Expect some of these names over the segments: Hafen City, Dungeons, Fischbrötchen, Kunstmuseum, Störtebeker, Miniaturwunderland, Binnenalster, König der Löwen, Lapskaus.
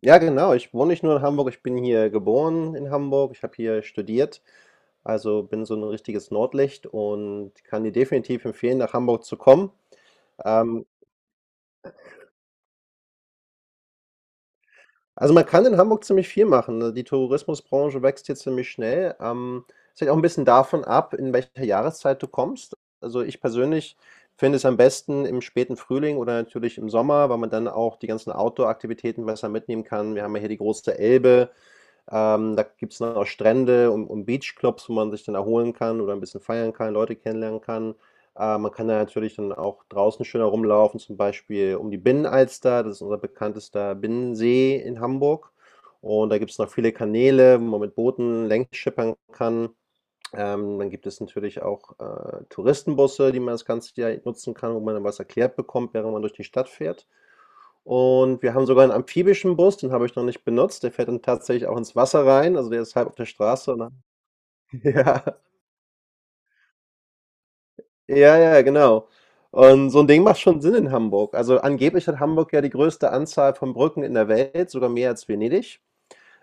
Ja, genau. Ich wohne nicht nur in Hamburg, ich bin hier geboren in Hamburg. Ich habe hier studiert, also bin so ein richtiges Nordlicht und kann dir definitiv empfehlen, nach Hamburg zu kommen. Ähm, also man kann in Hamburg ziemlich viel machen, ne? Die Tourismusbranche wächst hier ziemlich schnell. Es hängt auch ein bisschen davon ab, in welcher Jahreszeit du kommst. Also ich persönlich finde es am besten im späten Frühling oder natürlich im Sommer, weil man dann auch die ganzen Outdoor-Aktivitäten besser mitnehmen kann. Wir haben ja hier die große Elbe. Da gibt es dann auch Strände und Beachclubs, wo man sich dann erholen kann oder ein bisschen feiern kann, Leute kennenlernen kann. Man kann da natürlich dann auch draußen schön herumlaufen, zum Beispiel um die Binnenalster, das ist unser bekanntester Binnensee in Hamburg. Und da gibt es noch viele Kanäle, wo man mit Booten längs schippern kann. Dann gibt es natürlich auch Touristenbusse, die man das ganze Jahr nutzen kann, wo man dann was erklärt bekommt, während man durch die Stadt fährt. Und wir haben sogar einen amphibischen Bus, den habe ich noch nicht benutzt. Der fährt dann tatsächlich auch ins Wasser rein, also der ist halb auf der Straße und dann ja, ja, ja, genau. Und so ein Ding macht schon Sinn in Hamburg. Also, angeblich hat Hamburg ja die größte Anzahl von Brücken in der Welt, sogar mehr als Venedig.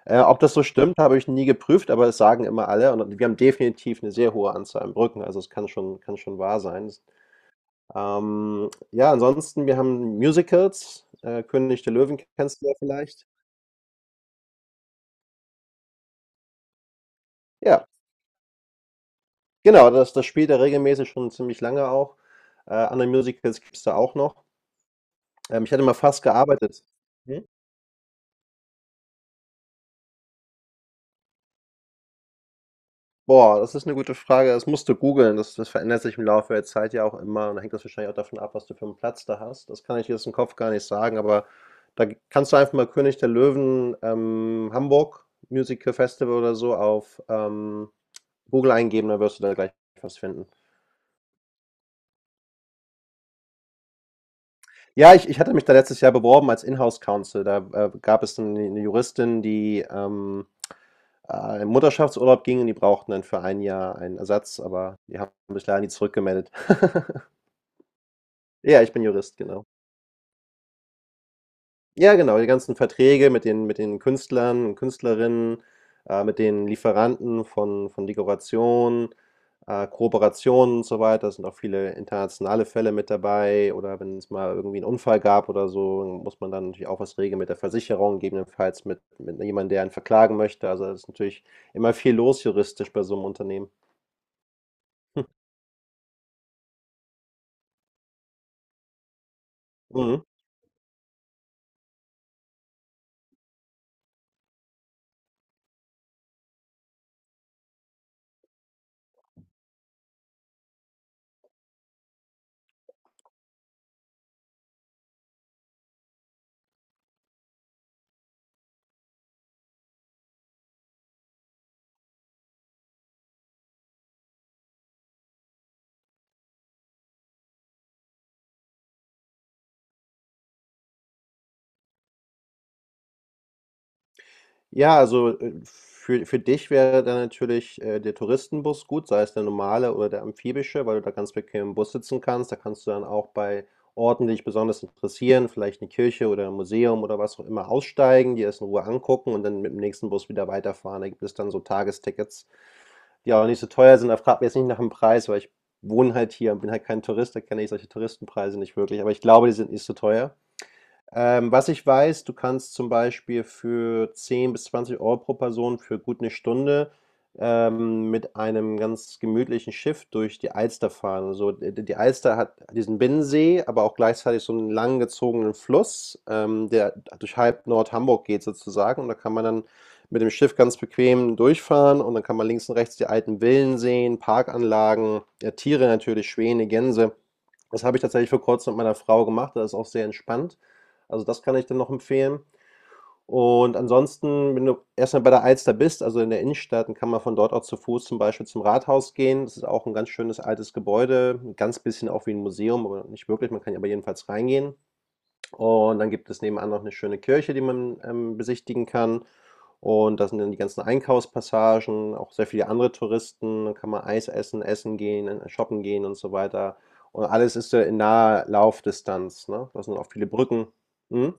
Ob das so stimmt, habe ich nie geprüft, aber es sagen immer alle und wir haben definitiv eine sehr hohe Anzahl an Brücken, also es kann schon wahr sein. Ja, ansonsten, wir haben Musicals. König der Löwen kennst du ja vielleicht. Ja, genau, das spielt er regelmäßig schon ziemlich lange auch. Andere Musicals gibt es da auch noch. Ich hatte mal fast gearbeitet. Hm? Boah, das ist eine gute Frage. Das musst du googeln. Das verändert sich im Laufe der Zeit ja auch immer. Und da hängt das wahrscheinlich auch davon ab, was du für einen Platz da hast. Das kann ich jetzt im Kopf gar nicht sagen, aber da kannst du einfach mal König der Löwen Hamburg Musical Festival oder so auf Google eingeben, dann wirst du da gleich was finden. Ja, ich hatte mich da letztes Jahr beworben als Inhouse Counsel. Da gab es eine 'ne Juristin, die in Mutterschaftsurlaub ging und die brauchten dann für ein Jahr einen Ersatz, aber die haben sich leider nie zurückgemeldet. Ja, ich bin Jurist, genau. Ja, genau, die ganzen Verträge mit den Künstlern und Künstlerinnen, mit den Lieferanten von Dekorationen, Kooperationen und so weiter. Es sind auch viele internationale Fälle mit dabei. Oder wenn es mal irgendwie einen Unfall gab oder so, muss man dann natürlich auch was regeln mit der Versicherung, gegebenenfalls mit jemandem, der einen verklagen möchte. Also es ist natürlich immer viel los juristisch bei so einem Unternehmen. Mhm. Ja, also für dich wäre dann natürlich der Touristenbus gut, sei es der normale oder der amphibische, weil du da ganz bequem im Bus sitzen kannst. Da kannst du dann auch bei Orten, die dich besonders interessieren, vielleicht eine Kirche oder ein Museum oder was auch immer, aussteigen, dir das in Ruhe angucken und dann mit dem nächsten Bus wieder weiterfahren. Da gibt es dann so Tagestickets, die auch nicht so teuer sind. Da fragt mich jetzt nicht nach dem Preis, weil ich wohne halt hier und bin halt kein Tourist, da kenne ich solche Touristenpreise nicht wirklich. Aber ich glaube, die sind nicht so teuer. Was ich weiß, du kannst zum Beispiel für 10 bis 20 Euro pro Person für gut 'ne Stunde mit einem ganz gemütlichen Schiff durch die Alster fahren. Also, d die Alster hat diesen Binnensee, aber auch gleichzeitig so einen langgezogenen Fluss, der durch halb Nord-Hamburg geht sozusagen. Und da kann man dann mit dem Schiff ganz bequem durchfahren und dann kann man links und rechts die alten Villen sehen, Parkanlagen, ja, Tiere natürlich, Schwäne, Gänse. Das habe ich tatsächlich vor Kurzem mit meiner Frau gemacht, das ist auch sehr entspannt. Also das kann ich dann noch empfehlen. Und ansonsten, wenn du erstmal bei der Alster bist, also in der Innenstadt, dann kann man von dort auch zu Fuß zum Beispiel zum Rathaus gehen. Das ist auch ein ganz schönes altes Gebäude, ein ganz bisschen auch wie ein Museum, aber nicht wirklich. Man kann ja aber jedenfalls reingehen. Und dann gibt es nebenan noch eine schöne Kirche, die man besichtigen kann. Und da sind dann die ganzen Einkaufspassagen, auch sehr viele andere Touristen. Dann kann man Eis essen, essen gehen, shoppen gehen und so weiter. Und alles ist so in naher Laufdistanz, ne? Da sind auch viele Brücken. Hm?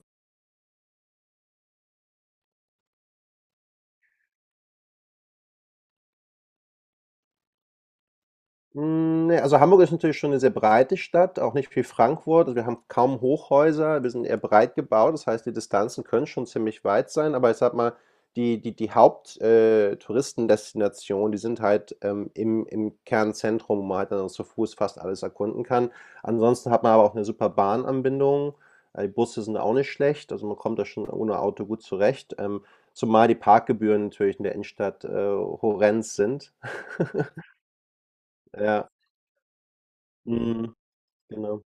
Hm, ne, also Hamburg ist natürlich schon eine sehr breite Stadt, auch nicht wie Frankfurt. Also, wir haben kaum Hochhäuser, wir sind eher breit gebaut. Das heißt, die Distanzen können schon ziemlich weit sein, aber ich sage mal, die Haupt Touristendestinationen, die sind halt im Kernzentrum, wo man halt dann zu Fuß fast alles erkunden kann. Ansonsten hat man aber auch eine super Bahnanbindung. Die Busse sind auch nicht schlecht, also man kommt da schon ohne Auto gut zurecht, zumal die Parkgebühren natürlich in der Innenstadt horrend sind. Ja, mhm. Genau.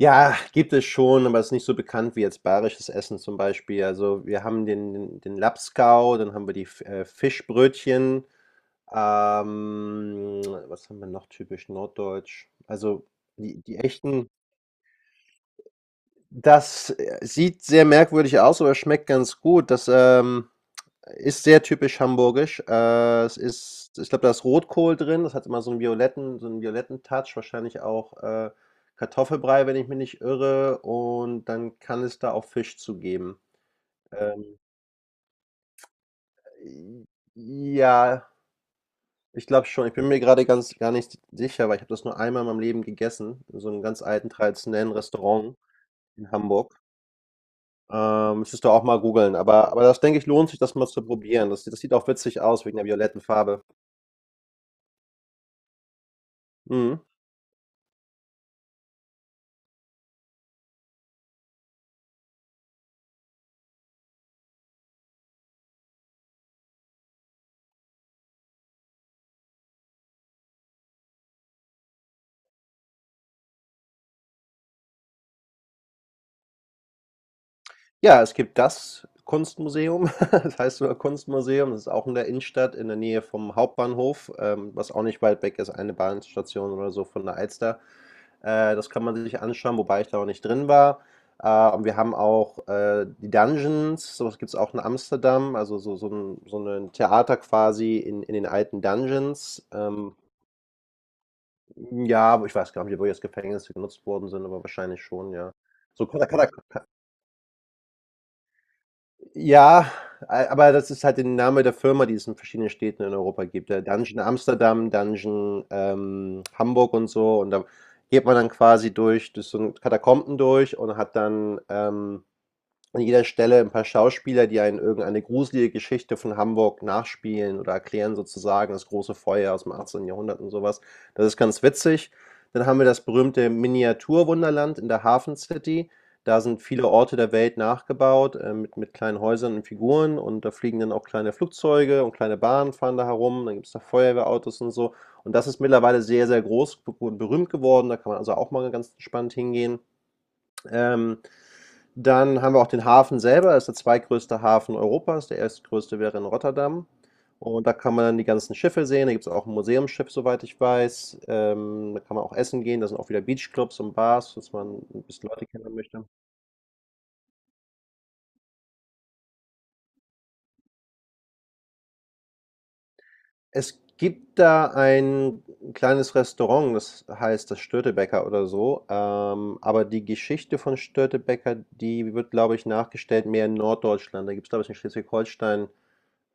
Ja, gibt es schon, aber es ist nicht so bekannt wie jetzt bayerisches Essen zum Beispiel. Also wir haben den Lapskaus, dann haben wir die Fischbrötchen. Ähm, was haben wir noch typisch norddeutsch? Also die echten. Das sieht sehr merkwürdig aus, aber schmeckt ganz gut. Das ist sehr typisch hamburgisch. Es ist, ich glaube, da ist Rotkohl drin. Das hat immer so einen violetten Touch. Wahrscheinlich auch Kartoffelbrei, wenn ich mich nicht irre. Und dann kann es da auch Fisch zu geben. Ähm, ja, ich glaube schon. Ich bin mir gerade ganz gar nicht sicher, weil ich habe das nur einmal in meinem Leben gegessen, in so einem ganz alten traditionellen Restaurant in Hamburg. Müsstest du auch mal googeln. Aber das denke ich, lohnt sich, das mal zu probieren. Das sieht auch witzig aus wegen der violetten Farbe. Mhm. Ja, es gibt das Kunstmuseum. Das heißt sogar Kunstmuseum. Das ist auch in der Innenstadt, in der Nähe vom Hauptbahnhof, was auch nicht weit weg ist, eine Bahnstation oder so von der Alster. Das kann man sich anschauen, wobei ich da auch nicht drin war. Und wir haben auch die Dungeons, sowas gibt es auch in Amsterdam, also so ein Theater quasi in den alten Dungeons. Hm, ja, aber ich weiß gar nicht, wo jetzt Gefängnisse genutzt worden sind, aber wahrscheinlich schon, ja. So Katakata. Ja, aber das ist halt der Name der Firma, die es in verschiedenen Städten in Europa gibt. Der Dungeon Amsterdam, Dungeon Hamburg und so. Und da geht man dann quasi durch, durch so ein Katakomben durch und hat dann an jeder Stelle ein paar Schauspieler, die einen irgendeine gruselige Geschichte von Hamburg nachspielen oder erklären sozusagen das große Feuer aus dem 18. Jahrhundert und sowas. Das ist ganz witzig. Dann haben wir das berühmte Miniaturwunderland in der Hafen City. Da sind viele Orte der Welt nachgebaut, mit kleinen Häusern und Figuren. Und da fliegen dann auch kleine Flugzeuge und kleine Bahnen fahren da herum. Dann gibt es da Feuerwehrautos und so. Und das ist mittlerweile sehr, sehr groß und berühmt geworden. Da kann man also auch mal ganz entspannt hingehen. Ähm, dann haben wir auch den Hafen selber, das ist der zweitgrößte Hafen Europas. Der erstgrößte wäre in Rotterdam. Und da kann man dann die ganzen Schiffe sehen. Da gibt es auch ein Museumsschiff, soweit ich weiß. Da kann man auch essen gehen. Da sind auch wieder Beachclubs und Bars, dass man ein bisschen Leute kennenlernen möchte. Es gibt da ein kleines Restaurant, das heißt das Störtebeker oder so. Aber die Geschichte von Störtebeker, die wird, glaube ich, nachgestellt mehr in Norddeutschland. Da gibt es, glaube ich, in Schleswig-Holstein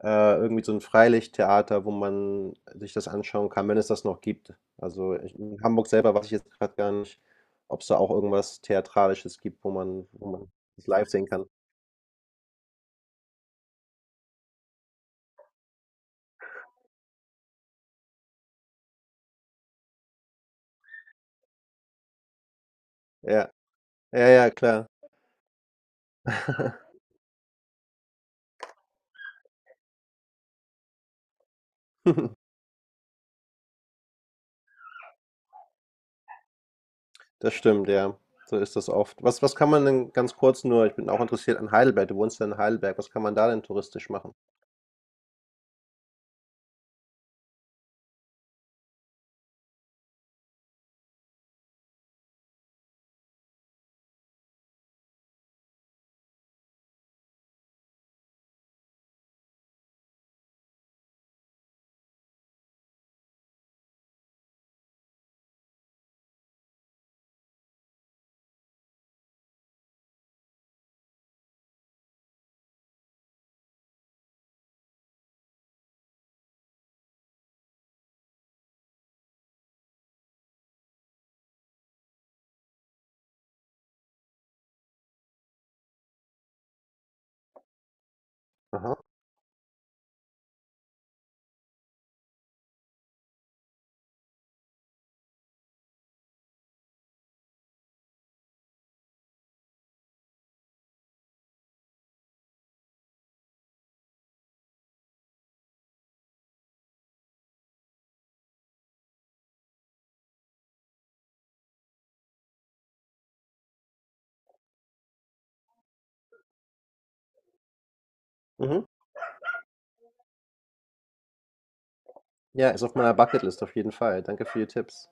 irgendwie so ein Freilichttheater, wo man sich das anschauen kann, wenn es das noch gibt. Also, ich in Hamburg selber weiß ich jetzt gerade gar nicht, ob es da auch irgendwas Theatralisches gibt, wo man das live sehen kann. Ja, ja, ja, klar. Das stimmt, ja. So ist das oft. Was kann man denn ganz kurz, nur ich bin auch interessiert an Heidelberg. Du wohnst ja in Heidelberg. Was kann man da denn touristisch machen? Aha, mhm. Ja, ist auf meiner Bucketlist auf jeden Fall. Danke für die Tipps.